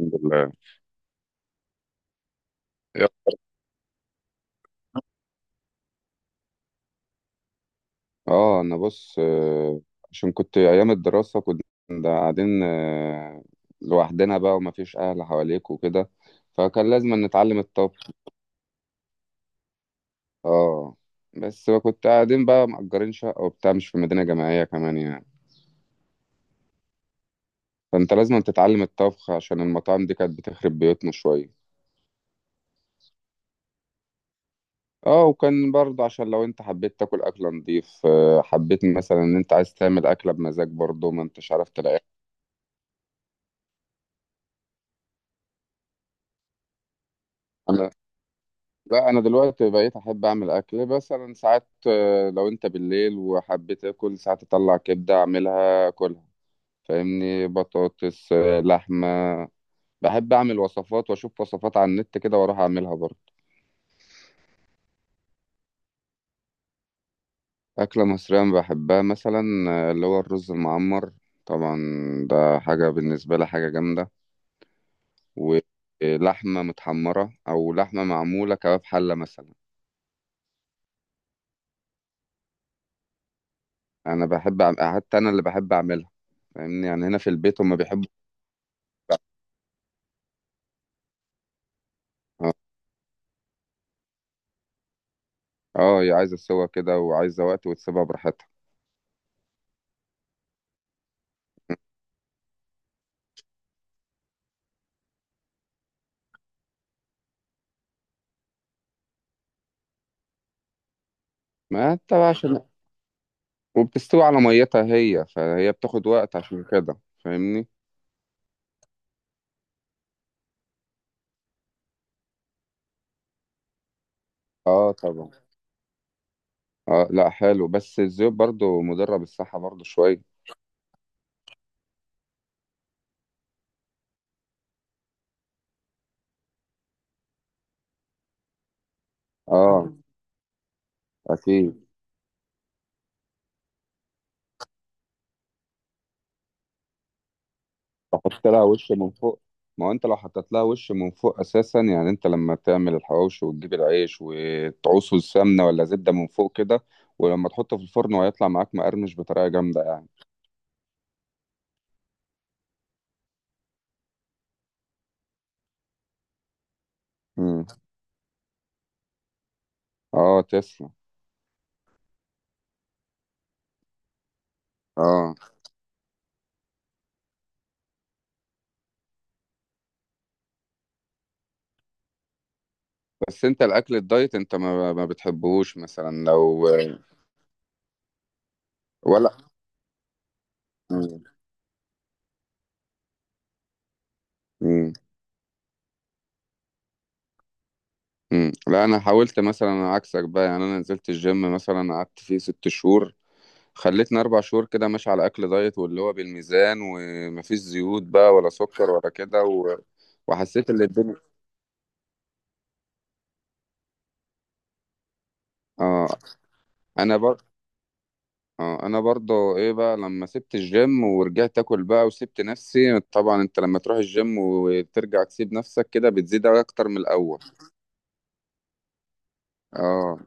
الحمد لله. يلا. اه انا بص، عشان كنت ايام الدراسه كنا قاعدين، لوحدنا بقى ومفيش اهل حواليك وكده، فكان لازم نتعلم الطبخ. اه، بس كنت قاعدين بقى مأجرين شقه وبتاع، مش في مدينه جامعيه كمان يعني. فانت لازم تتعلم الطبخ عشان المطاعم دي كانت بتخرب بيوتنا شويه. اه، وكان برضه عشان لو انت حبيت تاكل اكل نضيف، حبيت مثلا ان انت عايز تعمل اكله بمزاج برضه ما انتش عارف تلاقيها. لا، انا دلوقتي بقيت احب اعمل اكل مثلا ساعات، لو انت بالليل وحبيت اكل ساعات اطلع كبده اعملها اكلها. فاهمني، بطاطس، لحمه. بحب اعمل وصفات واشوف وصفات على النت كده واروح اعملها برضه. اكله مصريه أنا بحبها مثلا، اللي هو الرز المعمر. طبعا. ده حاجه بالنسبه لي حاجه جامده. ولحمه متحمره او لحمه معموله كباب حله مثلا. حتى انا اللي بحب اعملها. فاهمني يعني هنا في البيت هم بيحبوا. اه، هي عايزه سوا كده وعايزه وقت وتسيبها براحتها. ما انت بقى عشان وبتستوي على ميتها هي، فهي بتاخد وقت عشان كده فاهمني. اه، طبعا. اه، لا، حلو بس الزيوت برضو مضره بالصحه برضو شويه. اه، اكيد. تحط لها وش من فوق. ما هو انت لو حطيت لها وش من فوق اساسا، يعني انت لما تعمل الحواوشي وتجيب العيش وتعوصه السمنه ولا زبده من فوق كده. ولما تحطه في الفرن وهيطلع معاك مقرمش بطريقه جامده يعني. امم. اه، تسلم. اه، بس انت الاكل الدايت انت ما بتحبهوش مثلا لو... ولا. مم. مم. مم. لا، انا حاولت مثلا عكسك بقى. يعني انا نزلت الجيم مثلا قعدت فيه 6 شهور. خلتني 4 شهور كده ماشي على اكل دايت واللي هو بالميزان ومفيش زيوت بقى ولا سكر ولا كده وحسيت ان الدنيا. اه انا بر... اه، انا برضه ايه بقى لما سبت الجيم ورجعت اكل بقى وسبت نفسي. طبعا انت لما تروح الجيم وترجع تسيب نفسك كده بتزيد اكتر من الاول. اه،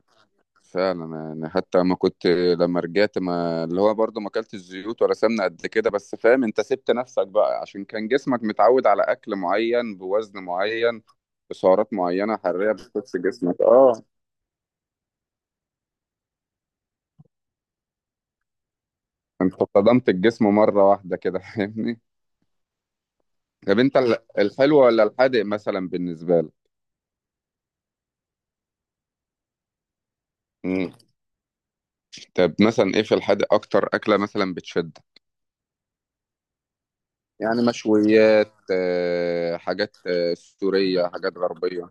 فعلا يعني. حتى ما كنت لما رجعت، ما اللي هو برضه ما اكلتش زيوت ولا سمنه قد كده، بس فاهم انت سبت نفسك بقى عشان كان جسمك متعود على اكل معين بوزن معين بسعرات معينه حراريه بتخش جسمك، اه. انت صدمت الجسم مره واحده كده فاهمني. طب انت الحلو ولا الحادق مثلا بالنسبه لك؟ مم. طب مثلا ايه في الحادق اكتر اكله مثلا بتشد؟ يعني مشويات، حاجات، سوريه، حاجات غربيه.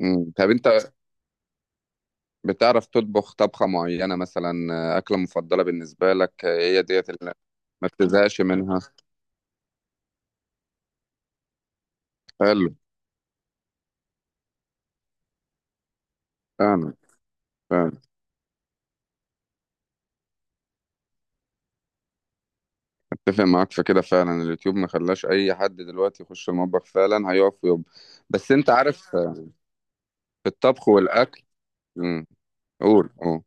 مم. طب انت بتعرف تطبخ طبخة معينة مثلا، أكلة مفضلة بالنسبة لك، هي ديت اللي ما بتزهقش منها؟ حلو. فعلا. فعلا، أتفق معاك في كده. فعلا اليوتيوب ما خلاش أي حد دلوقتي يخش المطبخ، فعلا هيقف ويب. بس أنت عارف، في الطبخ والأكل. مم، قول قول.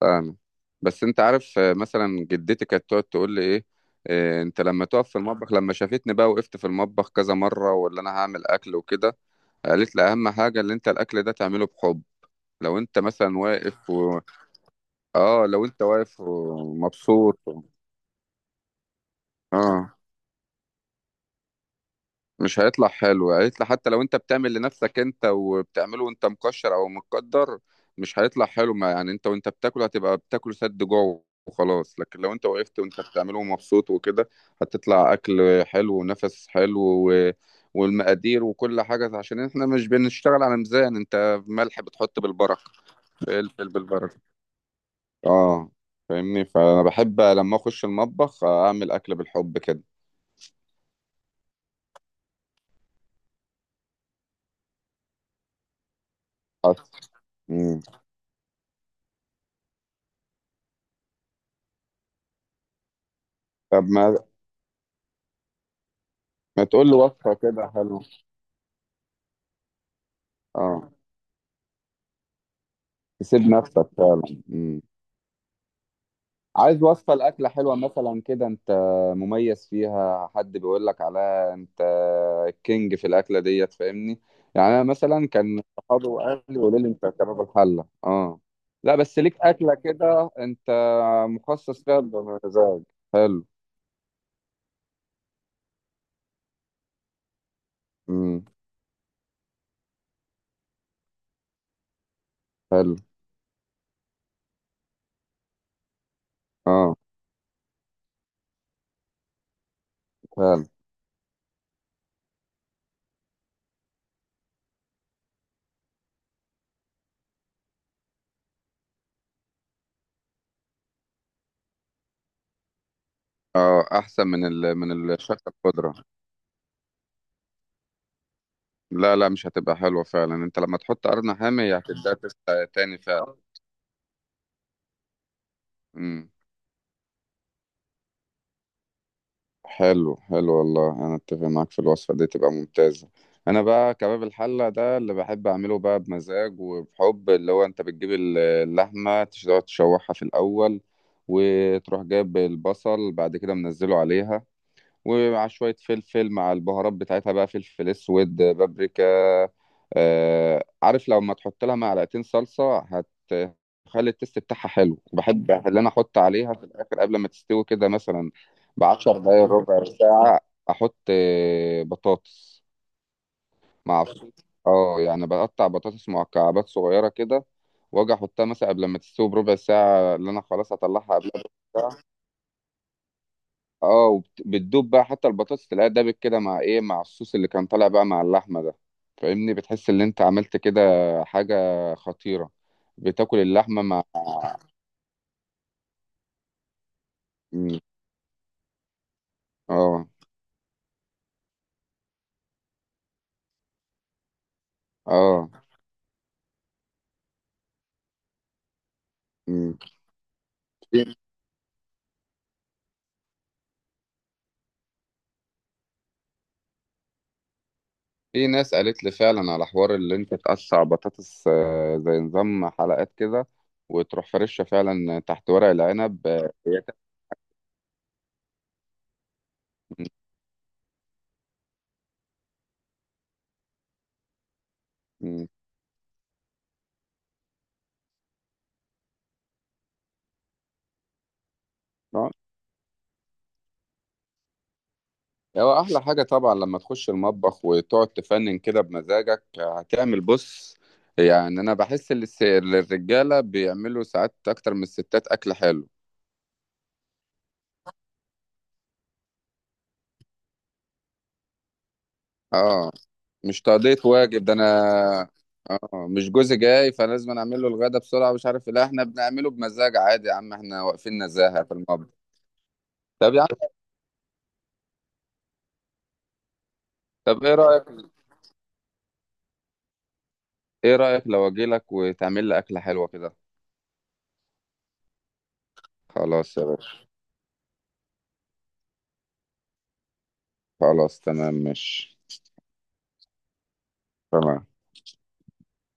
فعلا. بس أنت عارف، مثلا جدتي كانت تقعد تقول لي إيه، انت لما تقف في المطبخ. لما شافتني بقى وقفت في المطبخ كذا مره واللي انا هعمل اكل وكده، قالت لي اهم حاجه اللي انت الاكل ده تعمله بحب. لو انت مثلا واقف اه، لو انت واقف ومبسوط اه، مش هيطلع حلو. هيطلع، حتى لو انت بتعمل لنفسك انت وبتعمله وانت مكشر او متقدر مش هيطلع حلو. ما يعني انت وانت بتاكل هتبقى بتاكل سد جوع وخلاص، لكن لو انت وقفت وانت بتعمله ومبسوط وكده هتطلع اكل حلو ونفس حلو. و... والمقادير وكل حاجة، عشان احنا مش بنشتغل على ميزان، انت ملح بتحط بالبركة، فلفل بالبركة. اه، فاهمني. فانا بحب لما اخش المطبخ اعمل اكل بالحب كده. حصل. مم. طب ما تقول لي وصفه كده حلوه. اه، تسيب نفسك فعلا. مم. عايز وصفه لاكله حلوه مثلا كده انت مميز فيها حد بيقول لك عليها انت الكينج في الاكله ديت فاهمني. يعني انا مثلا كان صحابي واهلي يقولوا لي انت كباب الحله، اه. لا، بس ليك اكله كده انت مخصص فيها بمزاج. حلو. امم. حلو. اه، فعلا. اه، احسن من من الشقه الخضراء. لا، لا، مش هتبقى حلوه فعلا، انت لما تحط قرن حامي هي هتبدا تسقى تاني فعلا. امم. حلو، حلو والله، انا اتفق معاك في الوصفه دي تبقى ممتازه. انا بقى كباب الحله ده اللي بحب اعمله بقى بمزاج، وبحب اللي هو انت بتجيب اللحمه تقعد تشوحها في الاول، وتروح جايب البصل بعد كده منزله عليها، ومع شوية فلفل مع البهارات بتاعتها بقى، فلفل اسود، بابريكا. عارف لو ما تحط لها معلقتين صلصة هتخلي التست بتاعها حلو. بحب اللي انا احط عليها في الاخر قبل ما تستوي كده مثلا بـ10 دقايق ربع ساعة. احط، بطاطس مع، اه يعني بقطع بطاطس مكعبات صغيرة كده، واجي احطها مثلا قبل ما تستوي بربع ساعة اللي انا خلاص هطلعها قبلها. اه، بتدوب بقى، حتى البطاطس تلاقيها دابت كده مع ايه؟ مع الصوص اللي كان طالع بقى مع اللحمه ده. فاهمني بتحس ان انت عملت كده حاجه خطيره. بتاكل اللحمه مم. اه. اه. مم. في في ناس قالت لي فعلا على حوار اللي انت تقطع بطاطس، زي نظام حلقات كده، وتروح فرشها فعلا تحت ورق العنب، مم. هو احلى حاجه طبعا لما تخش المطبخ وتقعد تفنن كده بمزاجك هتعمل، بص. يعني انا بحس ان الرجاله بيعملوا ساعات اكتر من الستات اكل حلو. اه، مش تقضيه واجب، ده انا. اه، مش جوزي جاي فلازم أنا اعمل له الغدا بسرعه مش عارف إيه. لا، احنا بنعمله بمزاج عادي يا عم، احنا واقفين نزاهه في المطبخ. طب يا عم. طب ايه رايك لو اجي لك وتعمل لي اكله حلوه كده؟ خلاص يا باشا. خلاص تمام ماشي. تمام.